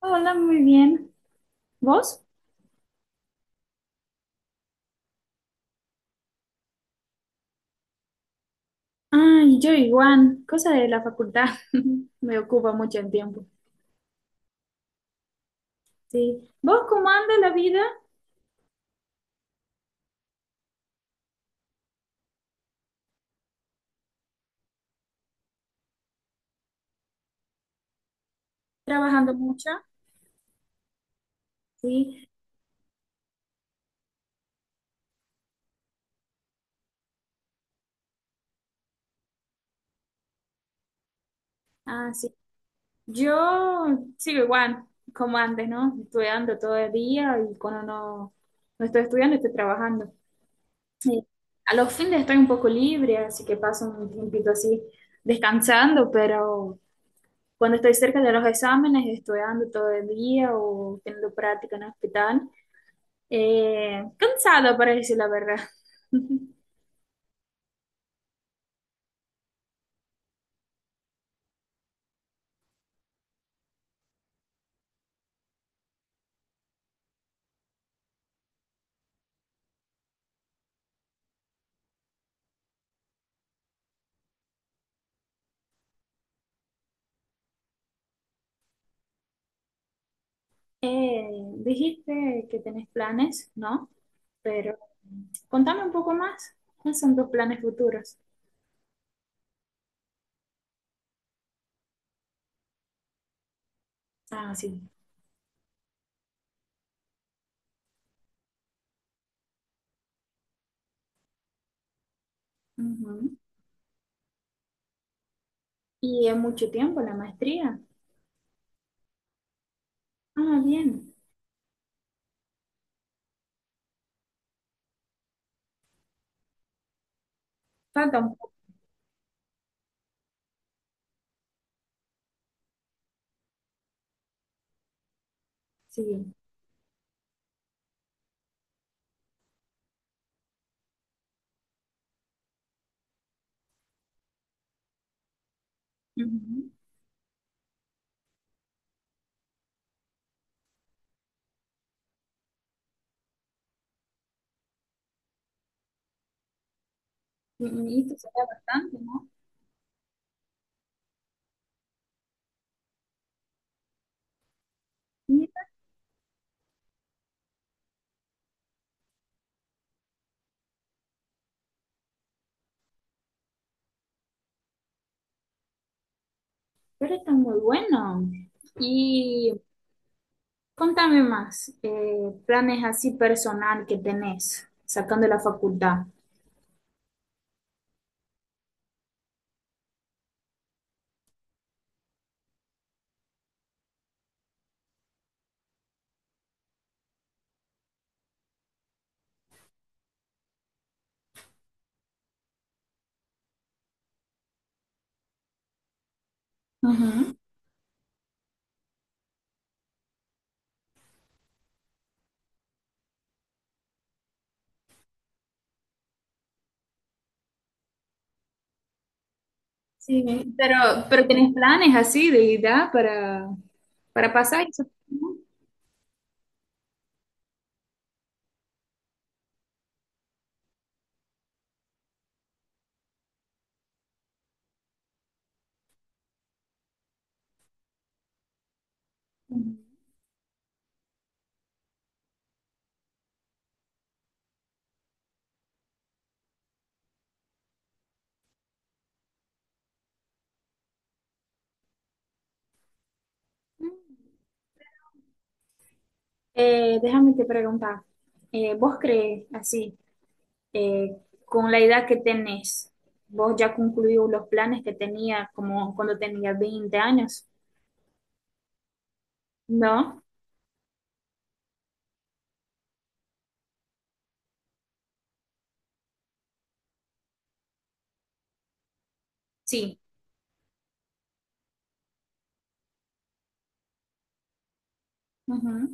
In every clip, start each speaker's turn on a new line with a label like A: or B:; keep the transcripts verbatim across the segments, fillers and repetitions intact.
A: Hola, muy bien. ¿Vos? Ay, yo igual. Cosa de la facultad. Me ocupa mucho el tiempo. Sí. ¿Vos cómo anda la vida? Trabajando mucho. Sí. Ah, sí. Yo sigo igual, como antes, ¿no? Estudiando todo el día y cuando no, no estoy estudiando, estoy trabajando. Sí. A los fines estoy un poco libre, así que paso un tiempito así descansando, pero cuando estoy cerca de los exámenes, estudiando todo el día o teniendo práctica en el hospital. Eh, cansado para decir la verdad. Eh, Dijiste que tenés planes, ¿no? Pero contame un poco más. ¿Cuáles son tus planes futuros? Ah, sí. Ujú. ¿Y es mucho tiempo la maestría? Ah, bien. Falta un poco, sí. Ujú. Y, y esto será bastante, ¿no? Mira, pero está muy bueno. Y contame más, eh, planes así personal que tenés, sacando la facultad. Ujú. Sí, pero, pero tenés planes así de edad para, para pasar eso. Ujú. Mm. Eh, déjame te preguntar, eh, ¿vos crees así, eh, con la edad que tenés, vos ya concluió los planes que tenía como cuando tenía veinte años? ¿No? Sí. Ujú.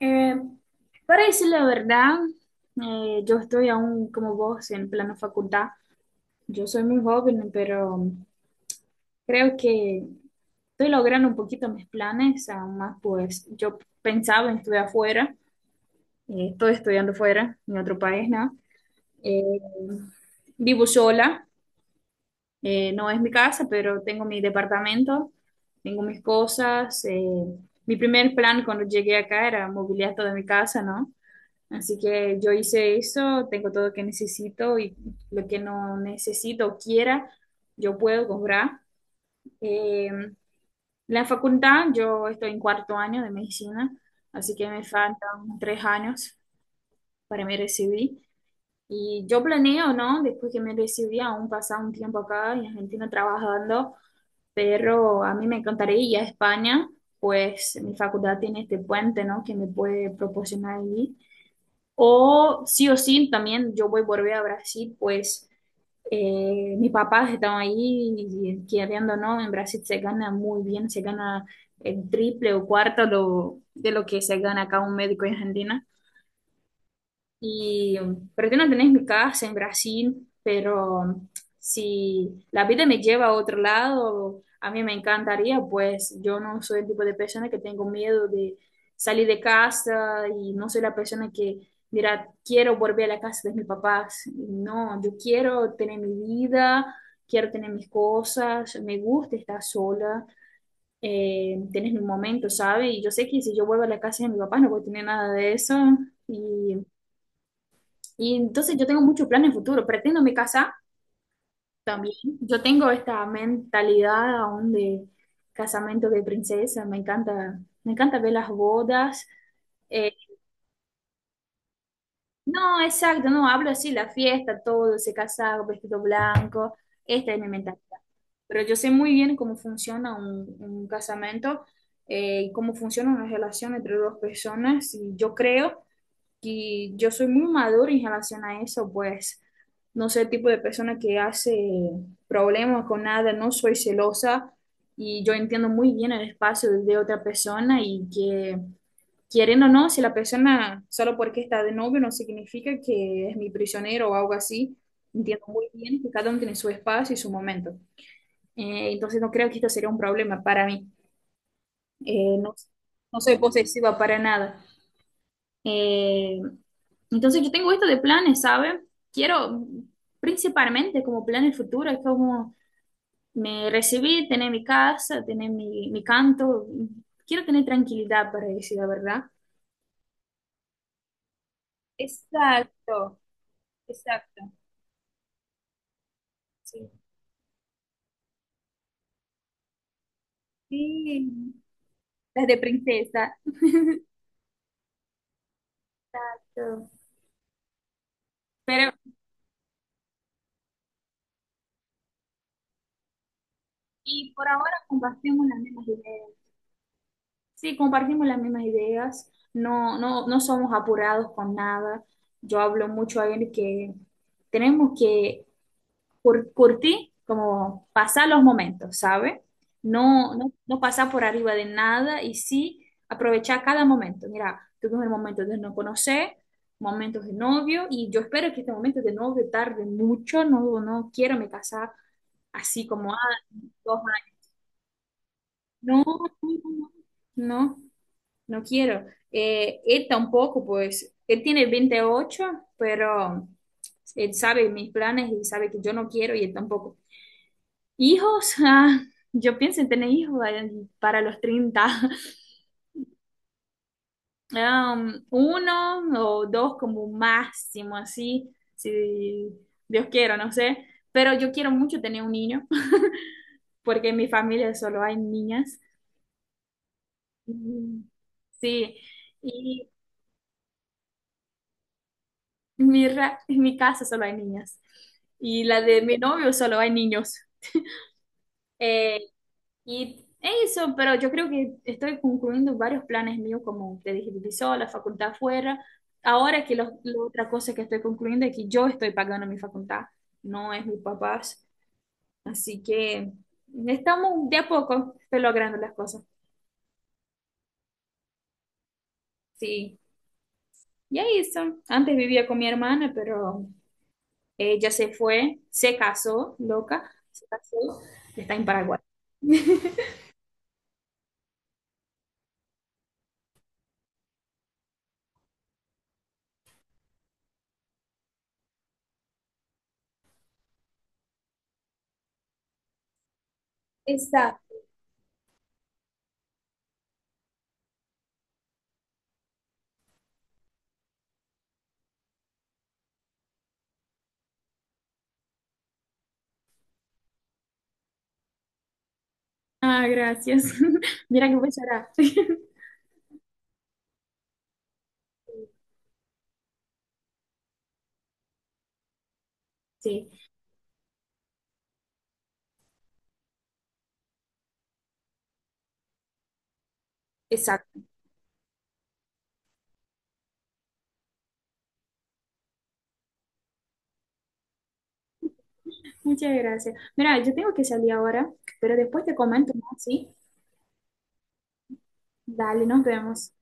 A: Eh, para decir la verdad, eh, yo estoy aún como vos en plano facultad. Yo soy muy joven, pero creo que estoy logrando un poquito mis planes, aún más pues yo pensaba en estudiar afuera, eh, estoy estudiando fuera, en otro país, ¿no? Eh, Vivo sola, eh, no es mi casa, pero tengo mi departamento, tengo mis cosas. Eh, mi primer plan cuando llegué acá era mobiliar toda mi casa, ¿no? Así que yo hice eso, tengo todo lo que necesito y lo que no necesito o quiera, yo puedo comprar. Eh, La facultad, yo estoy en cuarto año de medicina, así que me faltan tres años para me recibir. Y yo planeo, ¿no? Después que me recibí, aún pasar un tiempo acá en Argentina trabajando, pero a mí me encantaría ir a España, pues mi facultad tiene este puente, ¿no? Que me puede proporcionar allí. O sí o sí, también yo voy a volver a Brasil, pues eh, mis papás estaban ahí y queriendo, ¿no? En Brasil se gana muy bien, se gana el triple o cuarto lo- de lo que se gana acá un médico en Argentina. Y um, pretendo tener mi casa en Brasil, pero um, si la vida me lleva a otro lado, a mí me encantaría, pues yo no soy el tipo de persona que tengo miedo de salir de casa y no soy la persona que dirá, quiero volver a la casa de mis papás. No, yo quiero tener mi vida, quiero tener mis cosas, me gusta estar sola, eh, tener mi momento, ¿sabes? Y yo sé que si yo vuelvo a la casa de mis papás no voy a tener nada de eso. Y y entonces yo tengo muchos planes en futuro. Pretendo me casar también. Yo tengo esta mentalidad aún de casamiento de princesa. Me encanta, me encanta ver las bodas. Eh, no, exacto, no, hablo así, la fiesta, todo, ese casado, vestido blanco. Esta es mi mentalidad. Pero yo sé muy bien cómo funciona un, un casamento eh, y cómo funciona una relación entre dos personas. Y yo creo que yo soy muy madura en relación a eso, pues no soy el tipo de persona que hace problemas con nada, no soy celosa y yo entiendo muy bien el espacio de otra persona y que quieren o no, si la persona solo porque está de novio no significa que es mi prisionero o algo así, entiendo muy bien que cada uno tiene su espacio y su momento. Eh, entonces no creo que esto sería un problema para mí. Eh, no, no soy posesiva para nada. Eh, entonces yo tengo esto de planes, ¿sabe? Quiero principalmente como plan el futuro, es como me recibí, tener mi casa, tener mi, mi canto, quiero tener tranquilidad para decir la verdad. Exacto, exacto. Sí. Sí, las de princesa. Exacto. Pero, y por ahora compartimos las mismas ideas. Sí, compartimos las mismas ideas, no, no, no somos apurados con nada. Yo hablo mucho a él que tenemos que cur- curtir, como pasar los momentos, ¿sabe? No, no, no pasar por arriba de nada y sí aprovechar cada momento. Mira, tuvimos el momento de no conocer, momentos de novio y yo espero que este momento de novio tarde mucho, no, no quiero me casar así como, ah, dos años. No, no, no. No. No quiero. Eh, él tampoco, pues, él tiene veintiocho, pero él sabe mis planes y sabe que yo no quiero y él tampoco. Hijos, ah, yo pienso en tener hijos eh, para los treinta Um, uno o dos como máximo, así, si Dios quiera, no sé. Pero yo quiero mucho tener un niño, porque en mi familia solo hay niñas. Mm, sí. Mi, ra- en mi casa solo hay niñas y la de mi novio solo hay niños. Eh, y eso, pero yo creo que estoy concluyendo varios planes míos, como te dije, Divisó, la facultad afuera. Ahora que los- la otra cosa que estoy concluyendo es que yo estoy pagando mi facultad, no es mis papás. Así que estamos de a poco estoy logrando las cosas. Sí, y ahí eso. Antes vivía con mi hermana, pero ella se fue, se casó, loca, se casó, está en Paraguay. Exacto. Ah, gracias. Mira que voy a llorar. Sí, exacto. Muchas gracias. Mira, yo tengo que salir ahora, pero después te comento más, ¿sí? Dale, nos vemos.